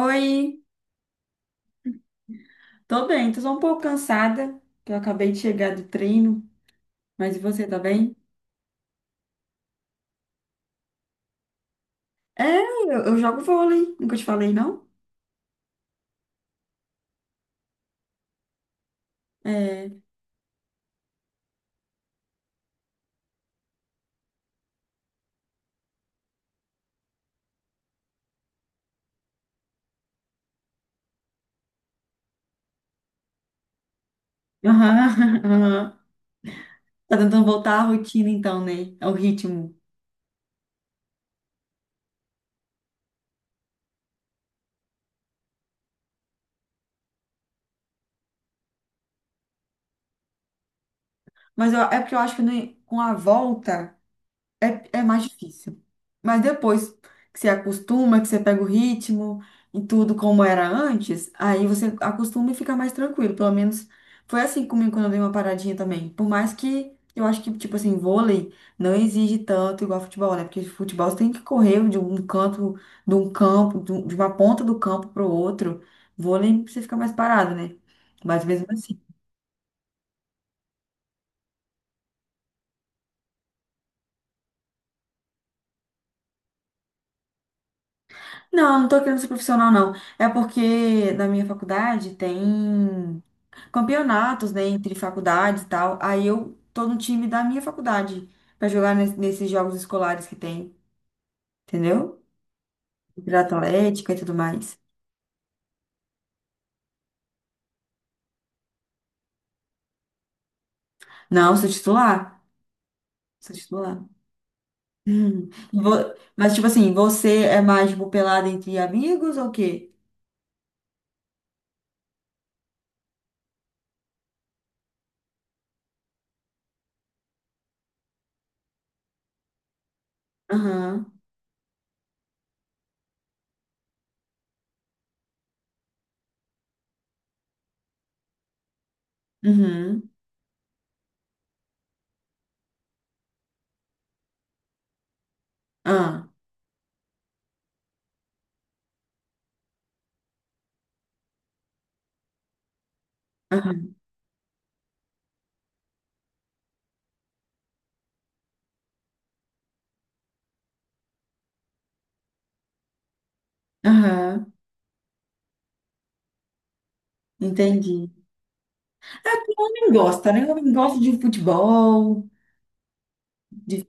Oi, tô bem, tô só um pouco cansada, que eu acabei de chegar do treino, mas e você, tá bem? É, eu jogo vôlei, nunca te falei, não? É, aham, aham. Tá tentando voltar à rotina então, né? Ao ritmo. É porque eu acho que né, com a volta. É, é mais difícil. Mas depois que você acostuma, que você pega o ritmo e tudo como era antes, aí você acostuma e fica mais tranquilo. Pelo menos foi assim comigo quando eu dei uma paradinha também. Por mais que eu acho que, tipo assim, vôlei não exige tanto igual futebol, né? Porque futebol você tem que correr de um canto, de um campo, de uma ponta do campo para o outro. Vôlei você fica mais parado, né? Mas mesmo assim. Não, não tô querendo ser profissional, não. É porque na minha faculdade tem campeonatos, né, entre faculdades e tal. Aí eu tô no time da minha faculdade pra jogar nesses jogos escolares que tem, entendeu? Pra atlética e tudo mais. Não, sou titular. Sou titular. Hum. Mas, tipo assim, você é mais, tipo, pelada entre amigos ou o quê? Aham. Uhum. Ah. Aham. Aham. Entendi. É que o homem gosta, né? O homem gosta de futebol, de...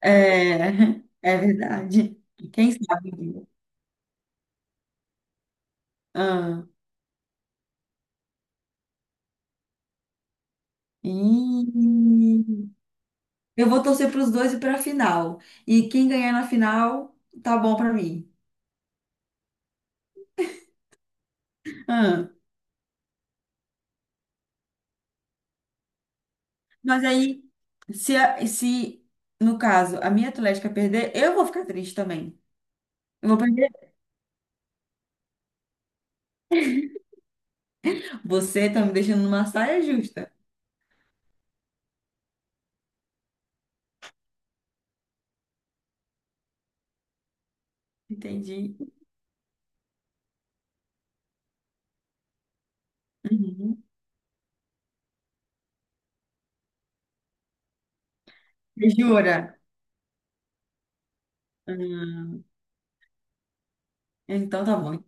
É, é verdade. Quem sabe? Um dia. E eu vou torcer para os dois e para a final. E quem ganhar na final, tá bom para mim. Ah, mas aí, se no caso a minha Atlética perder, eu vou ficar triste também. Eu vou perder. Você tá me deixando numa saia justa. Entendi. Uhum. Jura? Hum, então tá bom.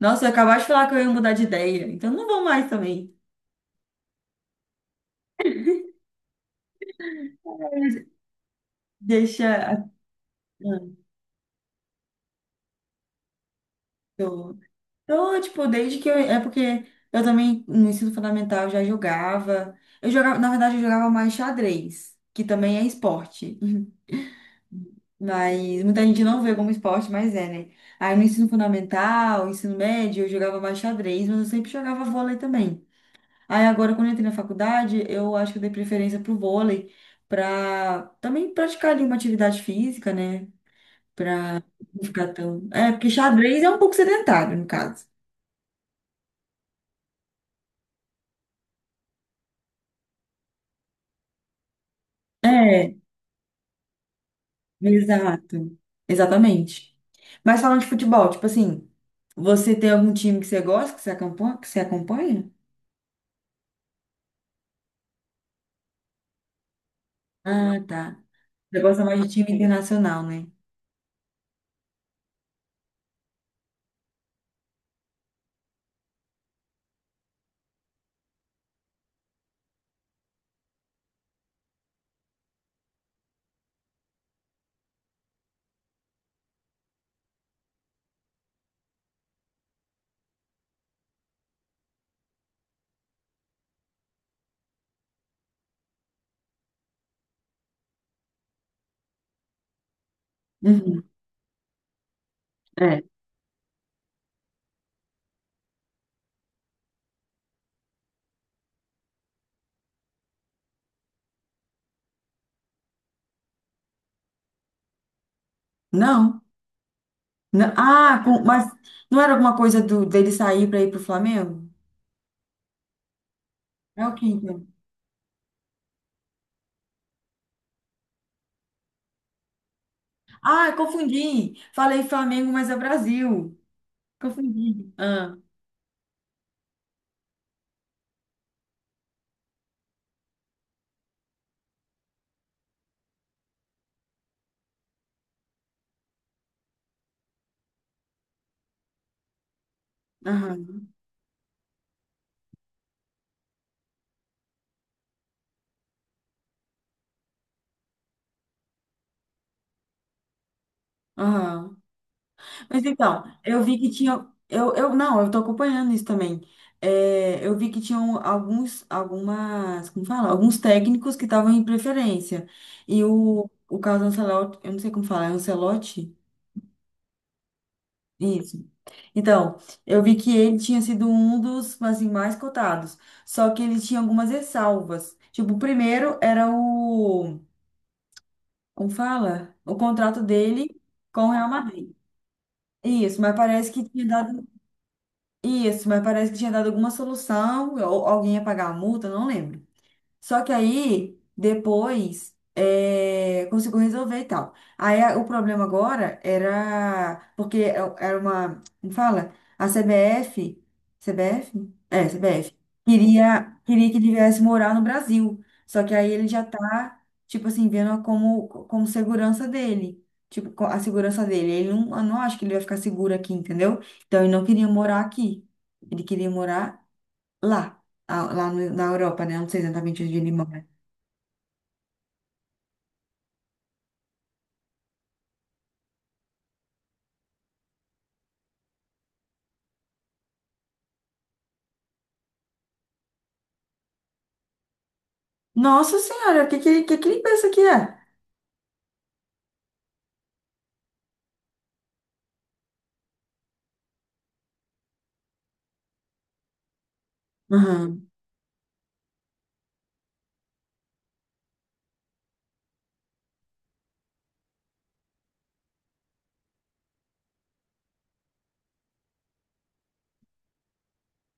Nossa, eu acabaste de falar que eu ia mudar de ideia. Então não vou mais também. Deixa. a- Ah, tô- Então, tipo, desde que eu. É porque eu também, no ensino fundamental, já jogava. Eu jogava, na verdade, eu jogava mais xadrez, que também é esporte. Mas muita gente não vê como esporte, mas é, né? Aí no ensino fundamental, ensino médio, eu jogava mais xadrez, mas eu sempre jogava vôlei também. Aí agora, quando eu entrei na faculdade, eu acho que eu dei preferência pro vôlei, pra também praticar ali uma atividade física, né? Pra não ficar tão. É, porque xadrez é um pouco sedentário, no caso. É. Exato. Exatamente. Mas falando de futebol, tipo assim, você tem algum time que você gosta, que você acompanha? Que você acompanha? Ah, tá. Você gosta mais de time internacional, né? Uhum. É. Não. Não. Mas não era alguma coisa do, dele sair para ir pro Flamengo? É o quê, então? Ah, confundi. Falei Flamengo, mas é Brasil. Confundi. Ah, aham, aham. Mas então, eu vi que tinha. Não, eu tô acompanhando isso também. É, eu vi que tinham alguns, algumas, como fala? Alguns técnicos que estavam em preferência. E o Carlos Ancelotti, eu não sei como falar, é Ancelotti? Isso. Então, eu vi que ele tinha sido um dos, assim, mais cotados. Só que ele tinha algumas ressalvas. Tipo, o primeiro era o, como fala? O contrato dele com o Real Madrid. Isso, mas parece que tinha dado. Isso, mas parece que tinha dado alguma solução, ou alguém ia pagar a multa, não lembro. Só que aí, depois, é, conseguiu resolver e tal. O problema agora era. Era uma. Como fala? A CBF. CBF? É, CBF. Queria, queria que ele viesse morar no Brasil. Só que aí ele já tá, tipo assim, vendo como, como segurança dele. Tipo, a segurança dele. Ele não, eu não acho que ele vai ficar seguro aqui, entendeu? Então ele não queria morar aqui. Ele queria morar lá, lá na Europa, né? Eu não sei exatamente onde ele mora. Nossa Senhora, o que ele pensa que é? Aham.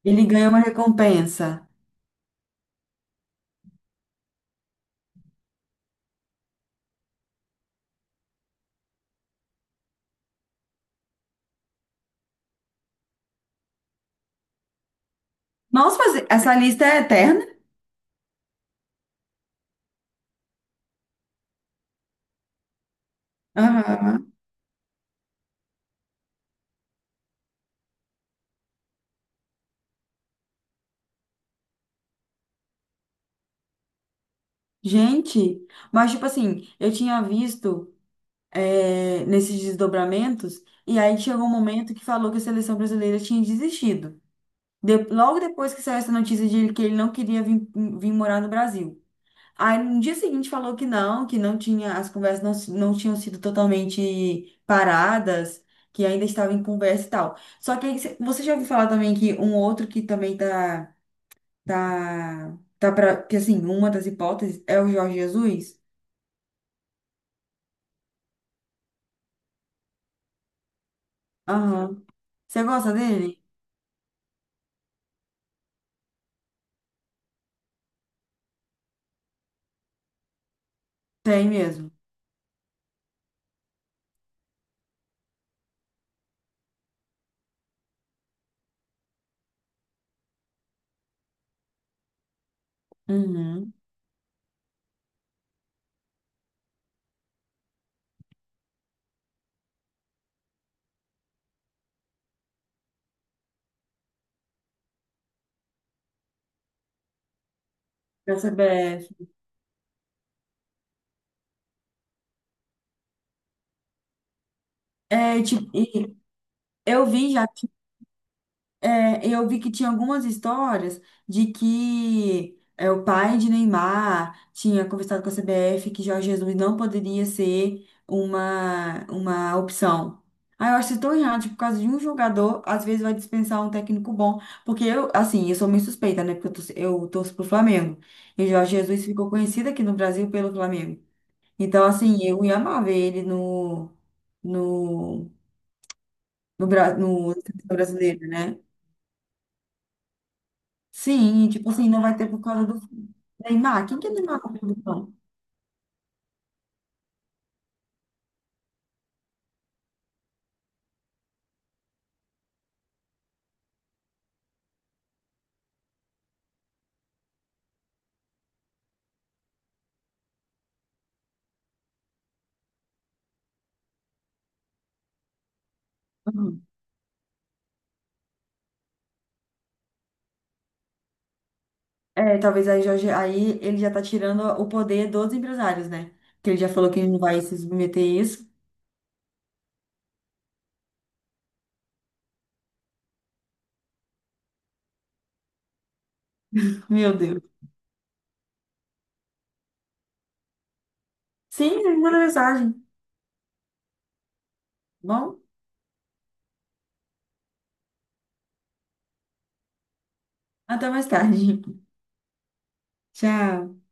Ele ganhou uma recompensa. Nossa, mas essa lista é eterna? Aham. Gente, mas tipo assim, eu tinha visto, é, nesses desdobramentos, e aí chegou um momento que falou que a seleção brasileira tinha desistido. Logo depois que saiu essa notícia de que ele não queria vir, vir morar no Brasil. Aí no dia seguinte falou que não tinha, as conversas não, não tinham sido totalmente paradas, que ainda estava em conversa e tal. Só que aí você já ouviu falar também que um outro que também tá, tá pra, que assim, uma das hipóteses é o Jorge Jesus? Aham. Você gosta dele? Tem mesmo. Uhum. Da CBF. É, tipo, e eu vi já. É, eu vi que tinha algumas histórias de que é, o pai de Neymar tinha conversado com a CBF que Jorge Jesus não poderia ser uma opção. Ah, eu acho isso tão errado, tipo, por causa de um jogador, às vezes vai dispensar um técnico bom. Porque eu, assim, eu sou meio suspeita, né? Porque eu torço pro Flamengo. E o Jorge Jesus ficou conhecido aqui no Brasil pelo Flamengo. Então, assim, eu ia amar ver ele no, no, no, no, no brasileiro, né? Sim, e, tipo assim, não vai ter por causa do Neymar. Quem que é Neymar na produção? Uhum. É, talvez aí, Jorge, aí ele já tá tirando o poder dos empresários, né? Que ele já falou que ele não vai se submeter a isso. Meu Deus. Sim, ele mandou mensagem. Bom, até mais tarde. Tchau.